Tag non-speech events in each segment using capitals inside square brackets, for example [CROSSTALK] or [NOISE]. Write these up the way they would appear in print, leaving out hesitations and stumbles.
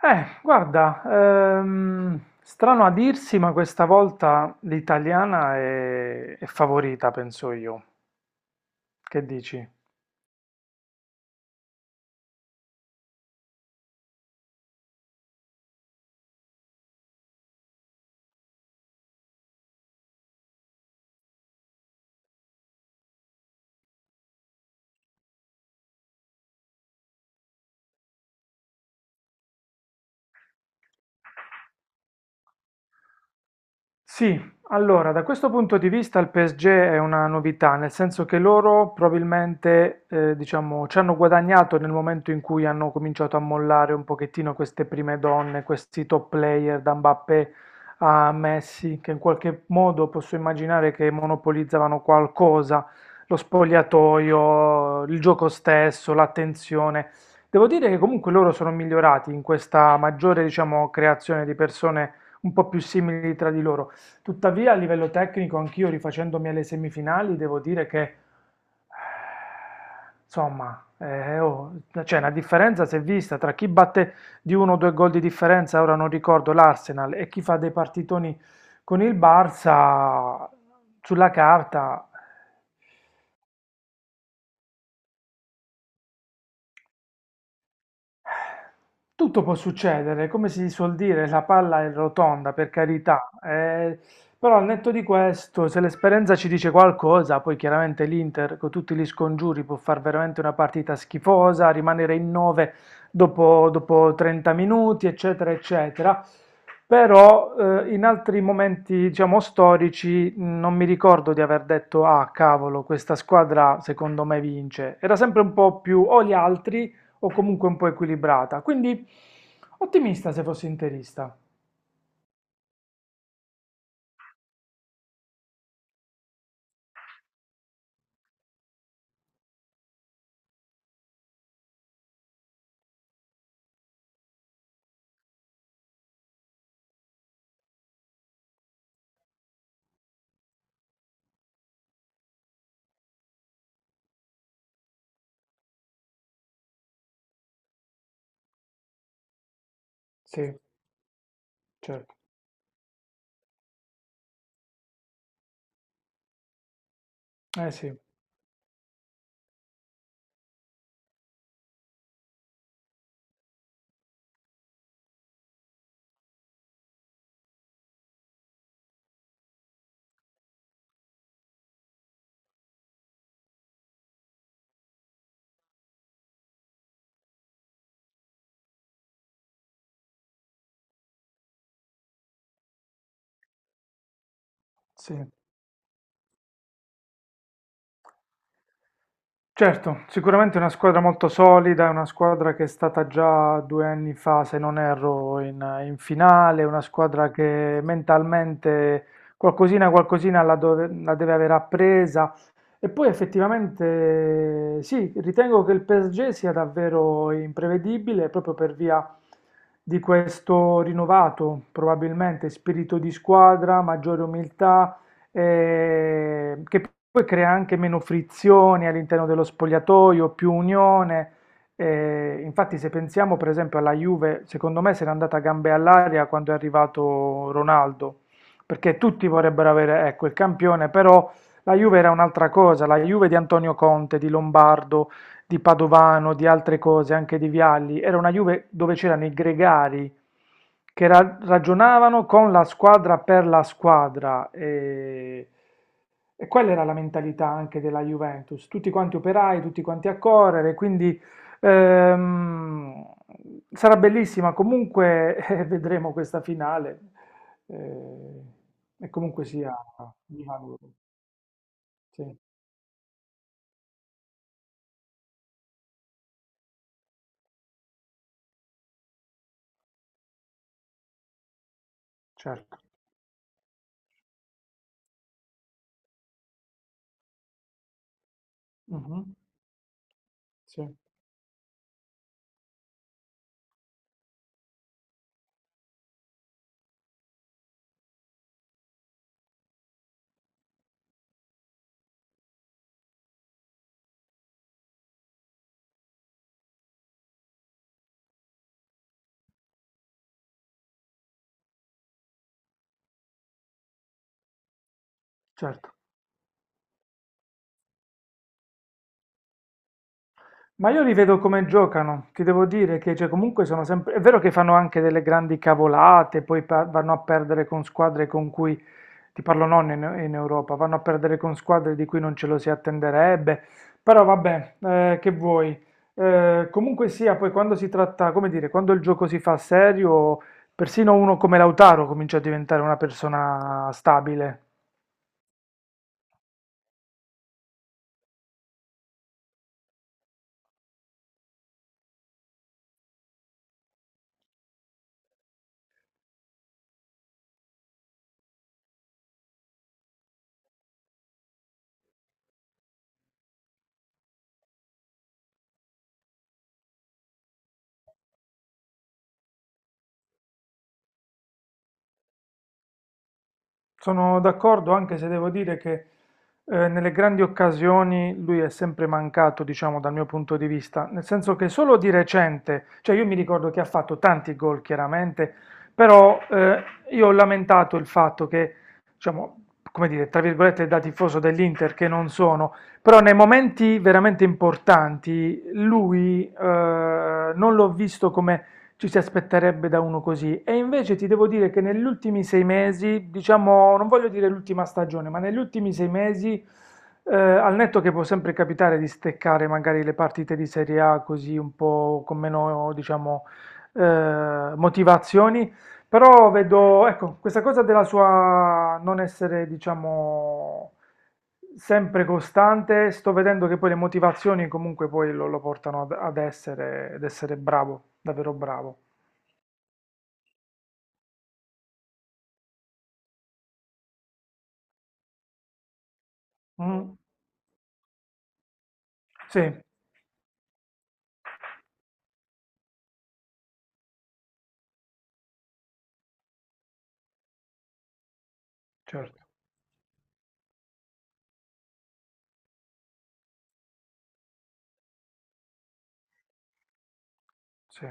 Strano a dirsi, ma questa volta l'italiana è favorita, penso io. Che dici? Sì, allora da questo punto di vista il PSG è una novità, nel senso che loro probabilmente diciamo, ci hanno guadagnato nel momento in cui hanno cominciato a mollare un pochettino queste prime donne, questi top player da Mbappé a Messi, che in qualche modo posso immaginare che monopolizzavano qualcosa, lo spogliatoio, il gioco stesso, l'attenzione. Devo dire che comunque loro sono migliorati in questa maggiore diciamo, creazione di persone un po' più simili tra di loro. Tuttavia, a livello tecnico, anch'io rifacendomi alle semifinali, devo dire che, insomma, oh, cioè, una differenza si è vista tra chi batte di uno o due gol di differenza, ora non ricordo, l'Arsenal, e chi fa dei partitoni con il Barça, sulla carta. Tutto può succedere, come si suol dire, la palla è rotonda, per carità, però al netto di questo, se l'esperienza ci dice qualcosa, poi chiaramente l'Inter con tutti gli scongiuri può fare veramente una partita schifosa, rimanere in 9 dopo 30 minuti, eccetera, eccetera. Però in altri momenti, diciamo, storici, non mi ricordo di aver detto, ah, cavolo, questa squadra secondo me vince. Era sempre un po' più o gli altri o comunque un po' equilibrata. Quindi ottimista se fossi interista. Sì, certo. Eh sì, sì. Certo, sicuramente è una squadra molto solida, è una squadra che è stata già 2 anni fa, se non erro, in finale, è una squadra che mentalmente qualcosina la, dove- la deve aver appresa. E poi effettivamente sì, ritengo che il PSG sia davvero imprevedibile proprio per via di questo rinnovato, probabilmente, spirito di squadra, maggiore umiltà che poi crea anche meno frizioni all'interno dello spogliatoio, più unione. Eh, infatti, se pensiamo per esempio alla Juve, secondo me se n'è andata a gambe all'aria quando è arrivato Ronaldo, perché tutti vorrebbero avere, ecco, il campione, però la Juve era un'altra cosa, la Juve di Antonio Conte, di Lombardo, di Padovano, di altre cose, anche di Vialli, era una Juve dove c'erano i gregari che ragionavano con la squadra per la squadra e quella era la mentalità anche della Juventus, tutti quanti operai, tutti quanti a correre, quindi ehm, sarà bellissima, comunque [LAUGHS] vedremo questa finale eh, e comunque sia di valore, sì, certo, Mhm, sì, certo. Ma io li vedo come giocano, ti devo dire che cioè, comunque sono sempre... È vero che fanno anche delle grandi cavolate, poi vanno a perdere con squadre con cui, ti parlo non in, in Europa, vanno a perdere con squadre di cui non ce lo si attenderebbe, però vabbè, che vuoi. Comunque sia, poi quando si tratta, come dire, quando il gioco si fa serio, persino uno come Lautaro comincia a diventare una persona stabile. Sono d'accordo, anche se devo dire che nelle grandi occasioni lui è sempre mancato, diciamo, dal mio punto di vista, nel senso che solo di recente, cioè io mi ricordo che ha fatto tanti gol chiaramente, però io ho lamentato il fatto che, diciamo, come dire, tra virgolette da tifoso dell'Inter che non sono, però nei momenti veramente importanti lui non l'ho visto come ci si aspetterebbe da uno così. E invece ti devo dire che negli ultimi 6 mesi, diciamo, non voglio dire l'ultima stagione, ma negli ultimi 6 mesi, al netto che può sempre capitare di steccare magari le partite di Serie A così un po' con meno, diciamo, motivazioni, però vedo, ecco, questa cosa della sua non essere, diciamo, sempre costante, sto vedendo che poi le motivazioni comunque poi lo portano ad essere, ad essere bravo, davvero bravo. Mm, sì, certo, sì,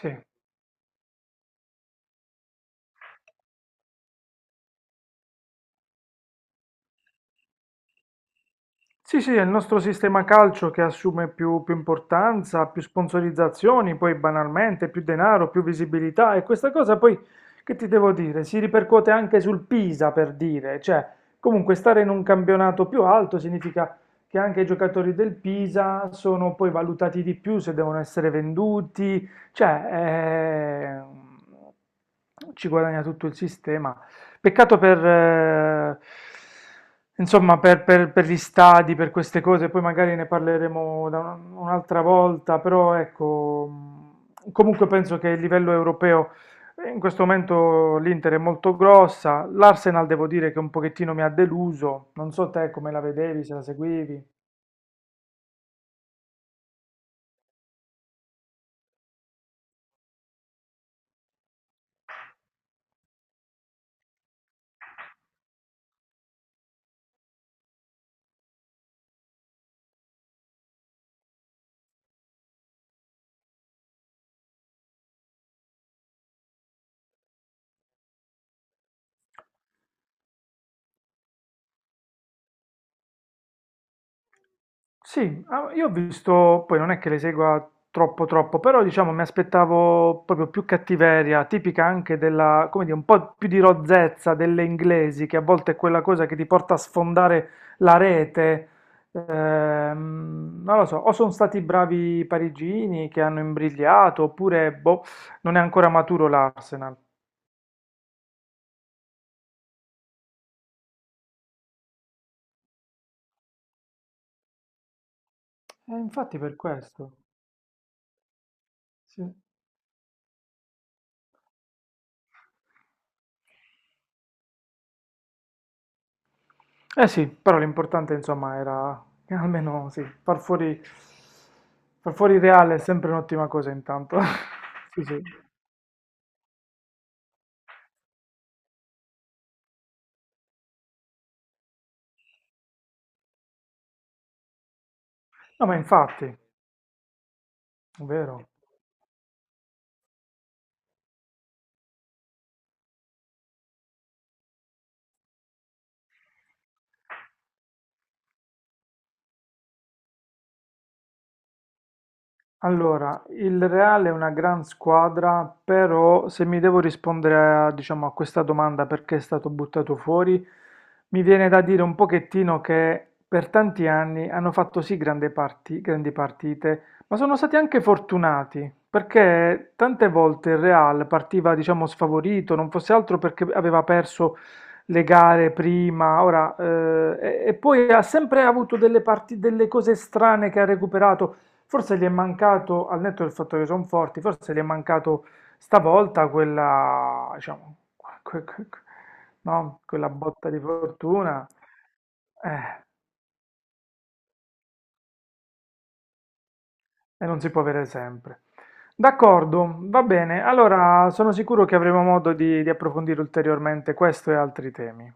sì. Sì, sì, è il nostro sistema calcio che assume più importanza, più sponsorizzazioni, poi banalmente più denaro, più visibilità e questa cosa poi, che ti devo dire, si ripercuote anche sul Pisa per dire, cioè comunque stare in un campionato più alto significa che anche i giocatori del Pisa sono poi valutati di più se devono essere venduti, cioè ci guadagna tutto il sistema. Peccato per, insomma, per, per gli stadi, per queste cose, poi magari ne parleremo da un'altra volta, però ecco, comunque penso che a livello europeo in questo momento l'Inter è molto grossa, l'Arsenal devo dire che un pochettino mi ha deluso, non so te come la vedevi, se la seguivi. Sì, ah, io ho visto, poi non è che le segua troppo, però diciamo mi aspettavo proprio più cattiveria, tipica anche della, come dire, un po' più di rozzezza delle inglesi, che a volte è quella cosa che ti porta a sfondare la rete. Non lo so, o sono stati bravi i parigini che hanno imbrigliato, oppure boh, non è ancora maturo l'Arsenal. E infatti per questo, sì. Eh sì, però l'importante insomma era almeno sì, far fuori Real è sempre un'ottima cosa intanto. [LAUGHS] Sì, sì. No, ma infatti, è vero. Allora, il Real è una gran squadra, però se mi devo rispondere a, diciamo, a questa domanda perché è stato buttato fuori, mi viene da dire un pochettino che per tanti anni hanno fatto sì grandi partite, ma sono stati anche fortunati, perché tante volte il Real partiva, diciamo, sfavorito, non fosse altro perché aveva perso le gare prima, ora, e poi ha sempre avuto delle delle cose strane che ha recuperato. Forse gli è mancato, al netto del fatto che sono forti, forse gli è mancato stavolta quella, diciamo, que- que- que- no? Quella botta di fortuna. Eh, e non si può avere sempre. D'accordo, va bene. Allora, sono sicuro che avremo modo di approfondire ulteriormente questo e altri temi.